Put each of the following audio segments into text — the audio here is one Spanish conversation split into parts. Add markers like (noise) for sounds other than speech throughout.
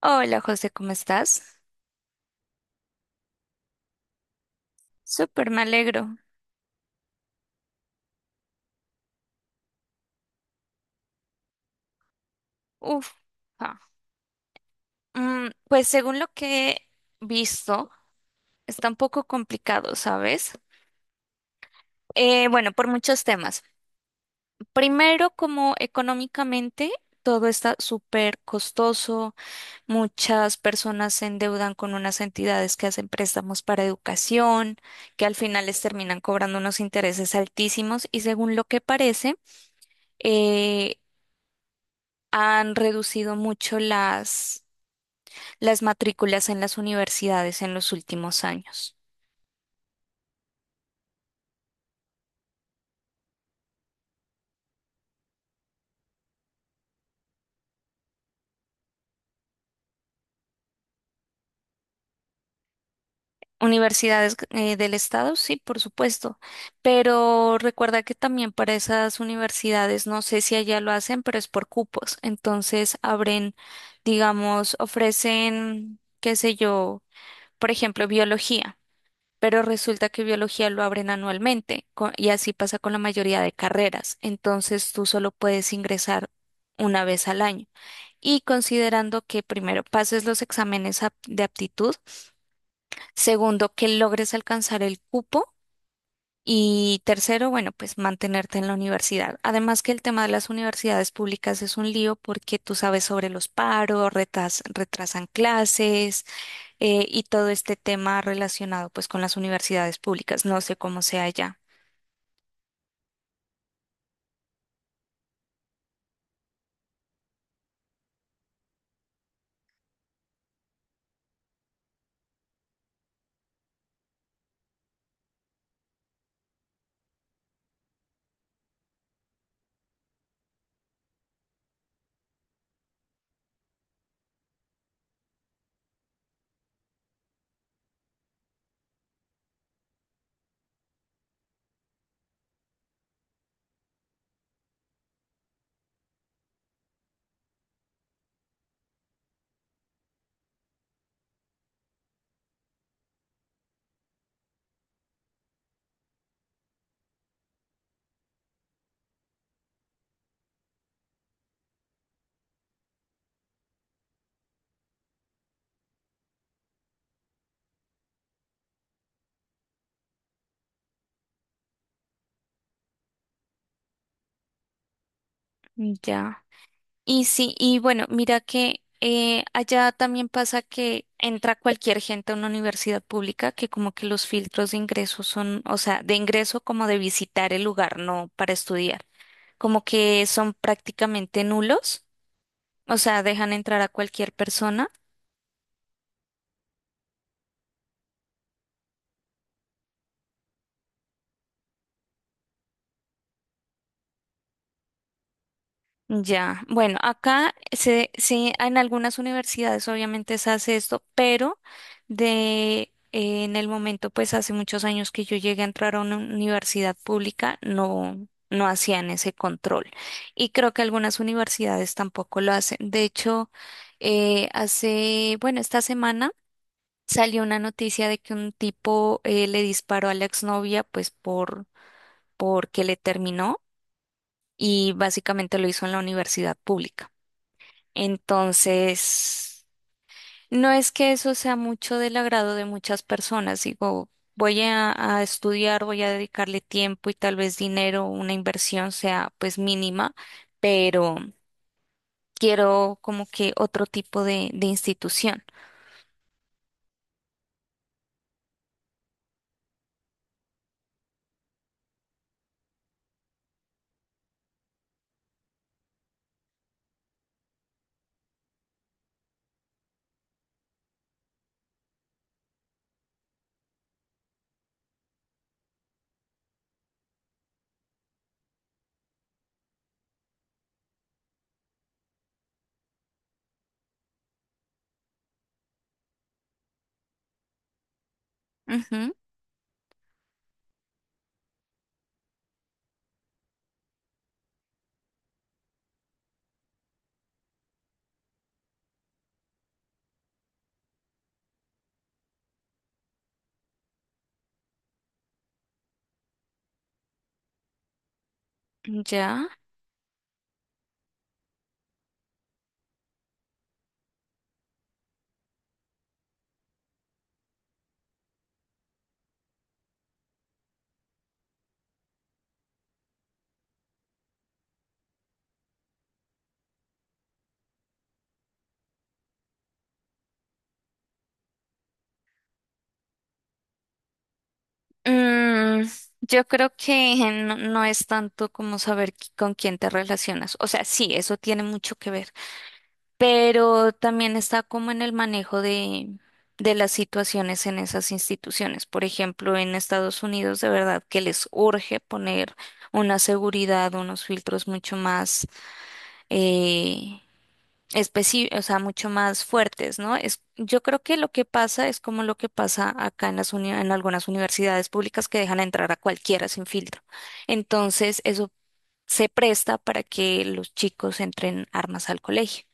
Hola José, ¿cómo estás? Súper, me alegro. Uf. Ah. Pues según lo que he visto, está un poco complicado, ¿sabes? Bueno, por muchos temas. Primero, como económicamente, todo está súper costoso. Muchas personas se endeudan con unas entidades que hacen préstamos para educación, que al final les terminan cobrando unos intereses altísimos y según lo que parece, eh, han reducido mucho las matrículas en las universidades en los últimos años. Universidades del estado, sí, por supuesto, pero recuerda que también para esas universidades, no sé si allá lo hacen, pero es por cupos. Entonces abren, digamos, ofrecen, qué sé yo, por ejemplo, biología, pero resulta que biología lo abren anualmente y así pasa con la mayoría de carreras. Entonces tú solo puedes ingresar una vez al año. Y considerando que primero pases los exámenes de aptitud, segundo que logres alcanzar el cupo y tercero, bueno, pues mantenerte en la universidad. Además que el tema de las universidades públicas es un lío porque tú sabes sobre los paros, retrasan clases y todo este tema relacionado pues con las universidades públicas. No sé cómo sea ya. Ya. Y sí, y bueno, mira que allá también pasa que entra cualquier gente a una universidad pública, que como que los filtros de ingreso son, o sea, de ingreso como de visitar el lugar, no para estudiar, como que son prácticamente nulos, o sea, dejan entrar a cualquier persona. Ya, bueno, acá en algunas universidades obviamente se hace esto, pero de en el momento, pues hace muchos años que yo llegué a entrar a una universidad pública, no, no hacían ese control. Y creo que algunas universidades tampoco lo hacen. De hecho, bueno, esta semana salió una noticia de que un tipo le disparó a la exnovia, pues porque le terminó y básicamente lo hizo en la universidad pública. Entonces, no es que eso sea mucho del agrado de muchas personas. Digo, voy a estudiar, voy a dedicarle tiempo y tal vez dinero, una inversión sea pues mínima, pero quiero como que otro tipo de institución. Ujú, ya. Mm, yo creo que no, no es tanto como saber con quién te relacionas. O sea, sí, eso tiene mucho que ver. Pero también está como en el manejo de las situaciones en esas instituciones. Por ejemplo, en Estados Unidos, de verdad que les urge poner una seguridad, unos filtros mucho más eh, o sea, mucho más fuertes, ¿no? Es, yo creo que lo que pasa es como lo que pasa acá en las en algunas universidades públicas que dejan entrar a cualquiera sin filtro. Entonces, eso se presta para que los chicos entren armas al colegio.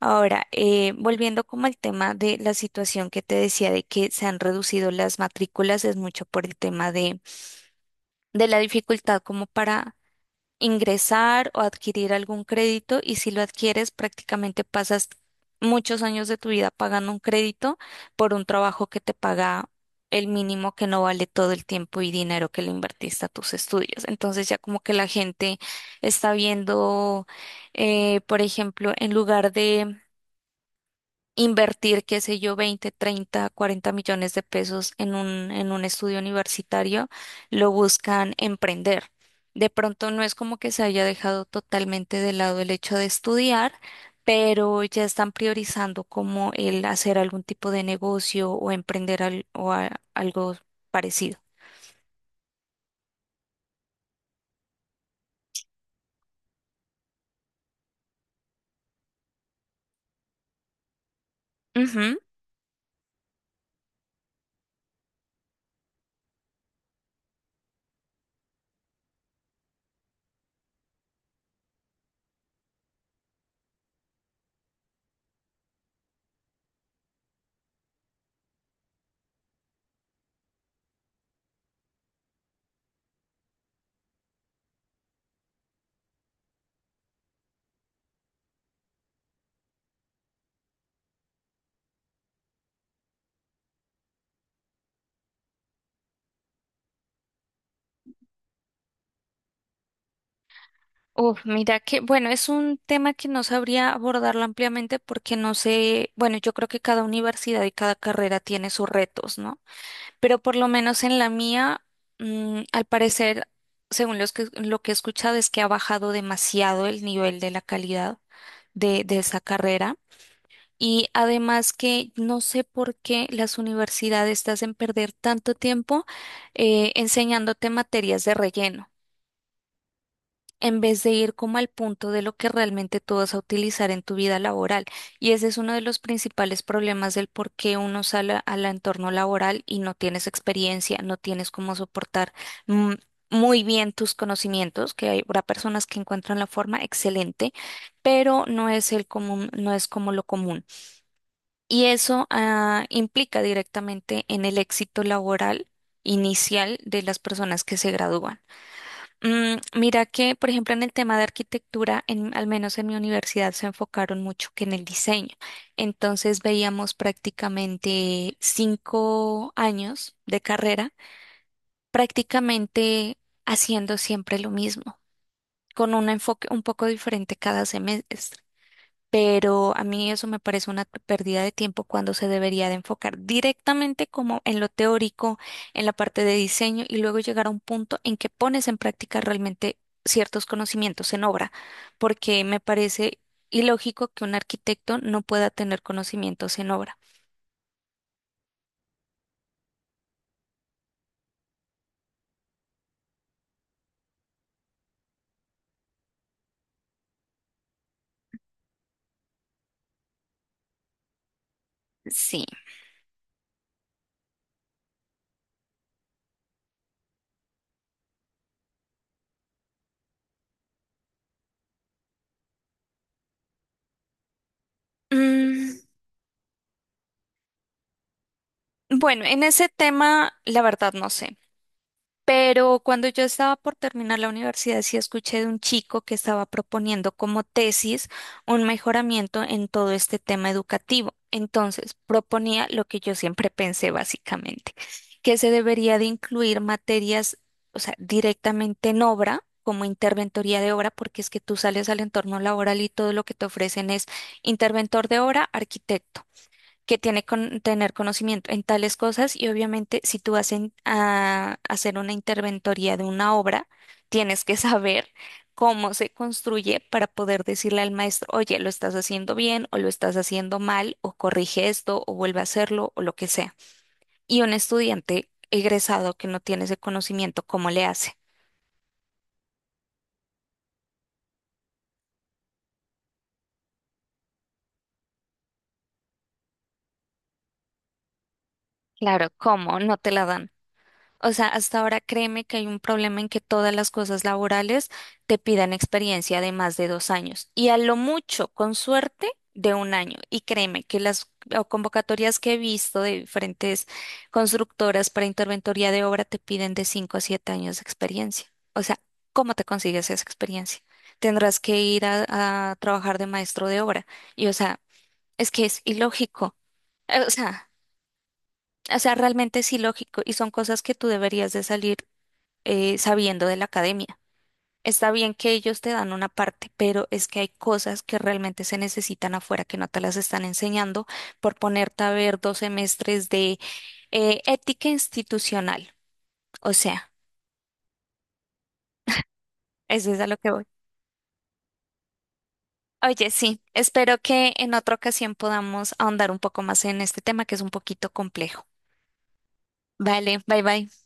Ahora, volviendo como al tema de la situación que te decía de que se han reducido las matrículas, es mucho por el tema de la dificultad como para ingresar o adquirir algún crédito y si lo adquieres prácticamente pasas muchos años de tu vida pagando un crédito por un trabajo que te paga el mínimo que no vale todo el tiempo y dinero que le invertiste a tus estudios. Entonces ya como que la gente está viendo, por ejemplo, en lugar de invertir, qué sé yo, 20 30 40 millones de pesos en un estudio universitario, lo buscan emprender. De pronto no es como que se haya dejado totalmente de lado el hecho de estudiar, pero ya están priorizando como el hacer algún tipo de negocio o emprender algo parecido. Ujú. Uf, mira que, bueno, es un tema que no sabría abordarlo ampliamente porque no sé, bueno, yo creo que cada universidad y cada carrera tiene sus retos, ¿no? Pero por lo menos en la mía, al parecer, según lo que he escuchado, es que ha bajado demasiado el nivel de la calidad de esa carrera. Y además que no sé por qué las universidades te hacen perder tanto tiempo enseñándote materias de relleno en vez de ir como al punto de lo que realmente tú vas a utilizar en tu vida laboral. Y ese es uno de los principales problemas del por qué uno sale al entorno laboral y no tienes experiencia, no tienes cómo soportar mm, muy bien tus conocimientos, que habrá personas que encuentran la forma excelente, pero no es el común, no es como lo común. Y eso implica directamente en el éxito laboral inicial de las personas que se gradúan. Mira que, por ejemplo, en el tema de arquitectura, al menos en mi universidad, se enfocaron mucho que en el diseño. Entonces veíamos prácticamente 5 años de carrera, prácticamente haciendo siempre lo mismo, con un enfoque un poco diferente cada semestre. Pero a mí eso me parece una pérdida de tiempo cuando se debería de enfocar directamente como en lo teórico, en la parte de diseño y luego llegar a un punto en que pones en práctica realmente ciertos conocimientos en obra, porque me parece ilógico que un arquitecto no pueda tener conocimientos en obra. Sí. Mm, bueno, en ese tema, la verdad no sé. Pero cuando yo estaba por terminar la universidad, sí escuché de un chico que estaba proponiendo como tesis un mejoramiento en todo este tema educativo. Entonces, proponía lo que yo siempre pensé básicamente, que se debería de incluir materias, o sea, directamente en obra, como interventoría de obra, porque es que tú sales al entorno laboral y todo lo que te ofrecen es interventor de obra, arquitecto que tiene que tener conocimiento en tales cosas y obviamente si tú vas a hacer una interventoría de una obra, tienes que (laughs) saber cómo se construye para poder decirle al maestro, oye, lo estás haciendo bien o lo estás haciendo mal o corrige esto o vuelve a hacerlo o lo que sea. Y un estudiante egresado que no tiene ese conocimiento, ¿cómo le hace? Claro, ¿cómo? No te la dan. O sea, hasta ahora créeme que hay un problema en que todas las cosas laborales te pidan experiencia de más de 2 años y a lo mucho, con suerte, de un año. Y créeme que las o convocatorias que he visto de diferentes constructoras para interventoría de obra te piden de 5 a 7 años de experiencia. O sea, ¿cómo te consigues esa experiencia? Tendrás que ir a trabajar de maestro de obra. Y o sea, es que es ilógico. O sea, o sea, realmente es ilógico y son cosas que tú deberías de salir sabiendo de la academia. Está bien que ellos te dan una parte, pero es que hay cosas que realmente se necesitan afuera que no te las están enseñando por ponerte a ver 2 semestres de ética institucional. O sea, eso es a lo que voy. Oye, sí, espero que en otra ocasión podamos ahondar un poco más en este tema que es un poquito complejo. Vale, bye bye.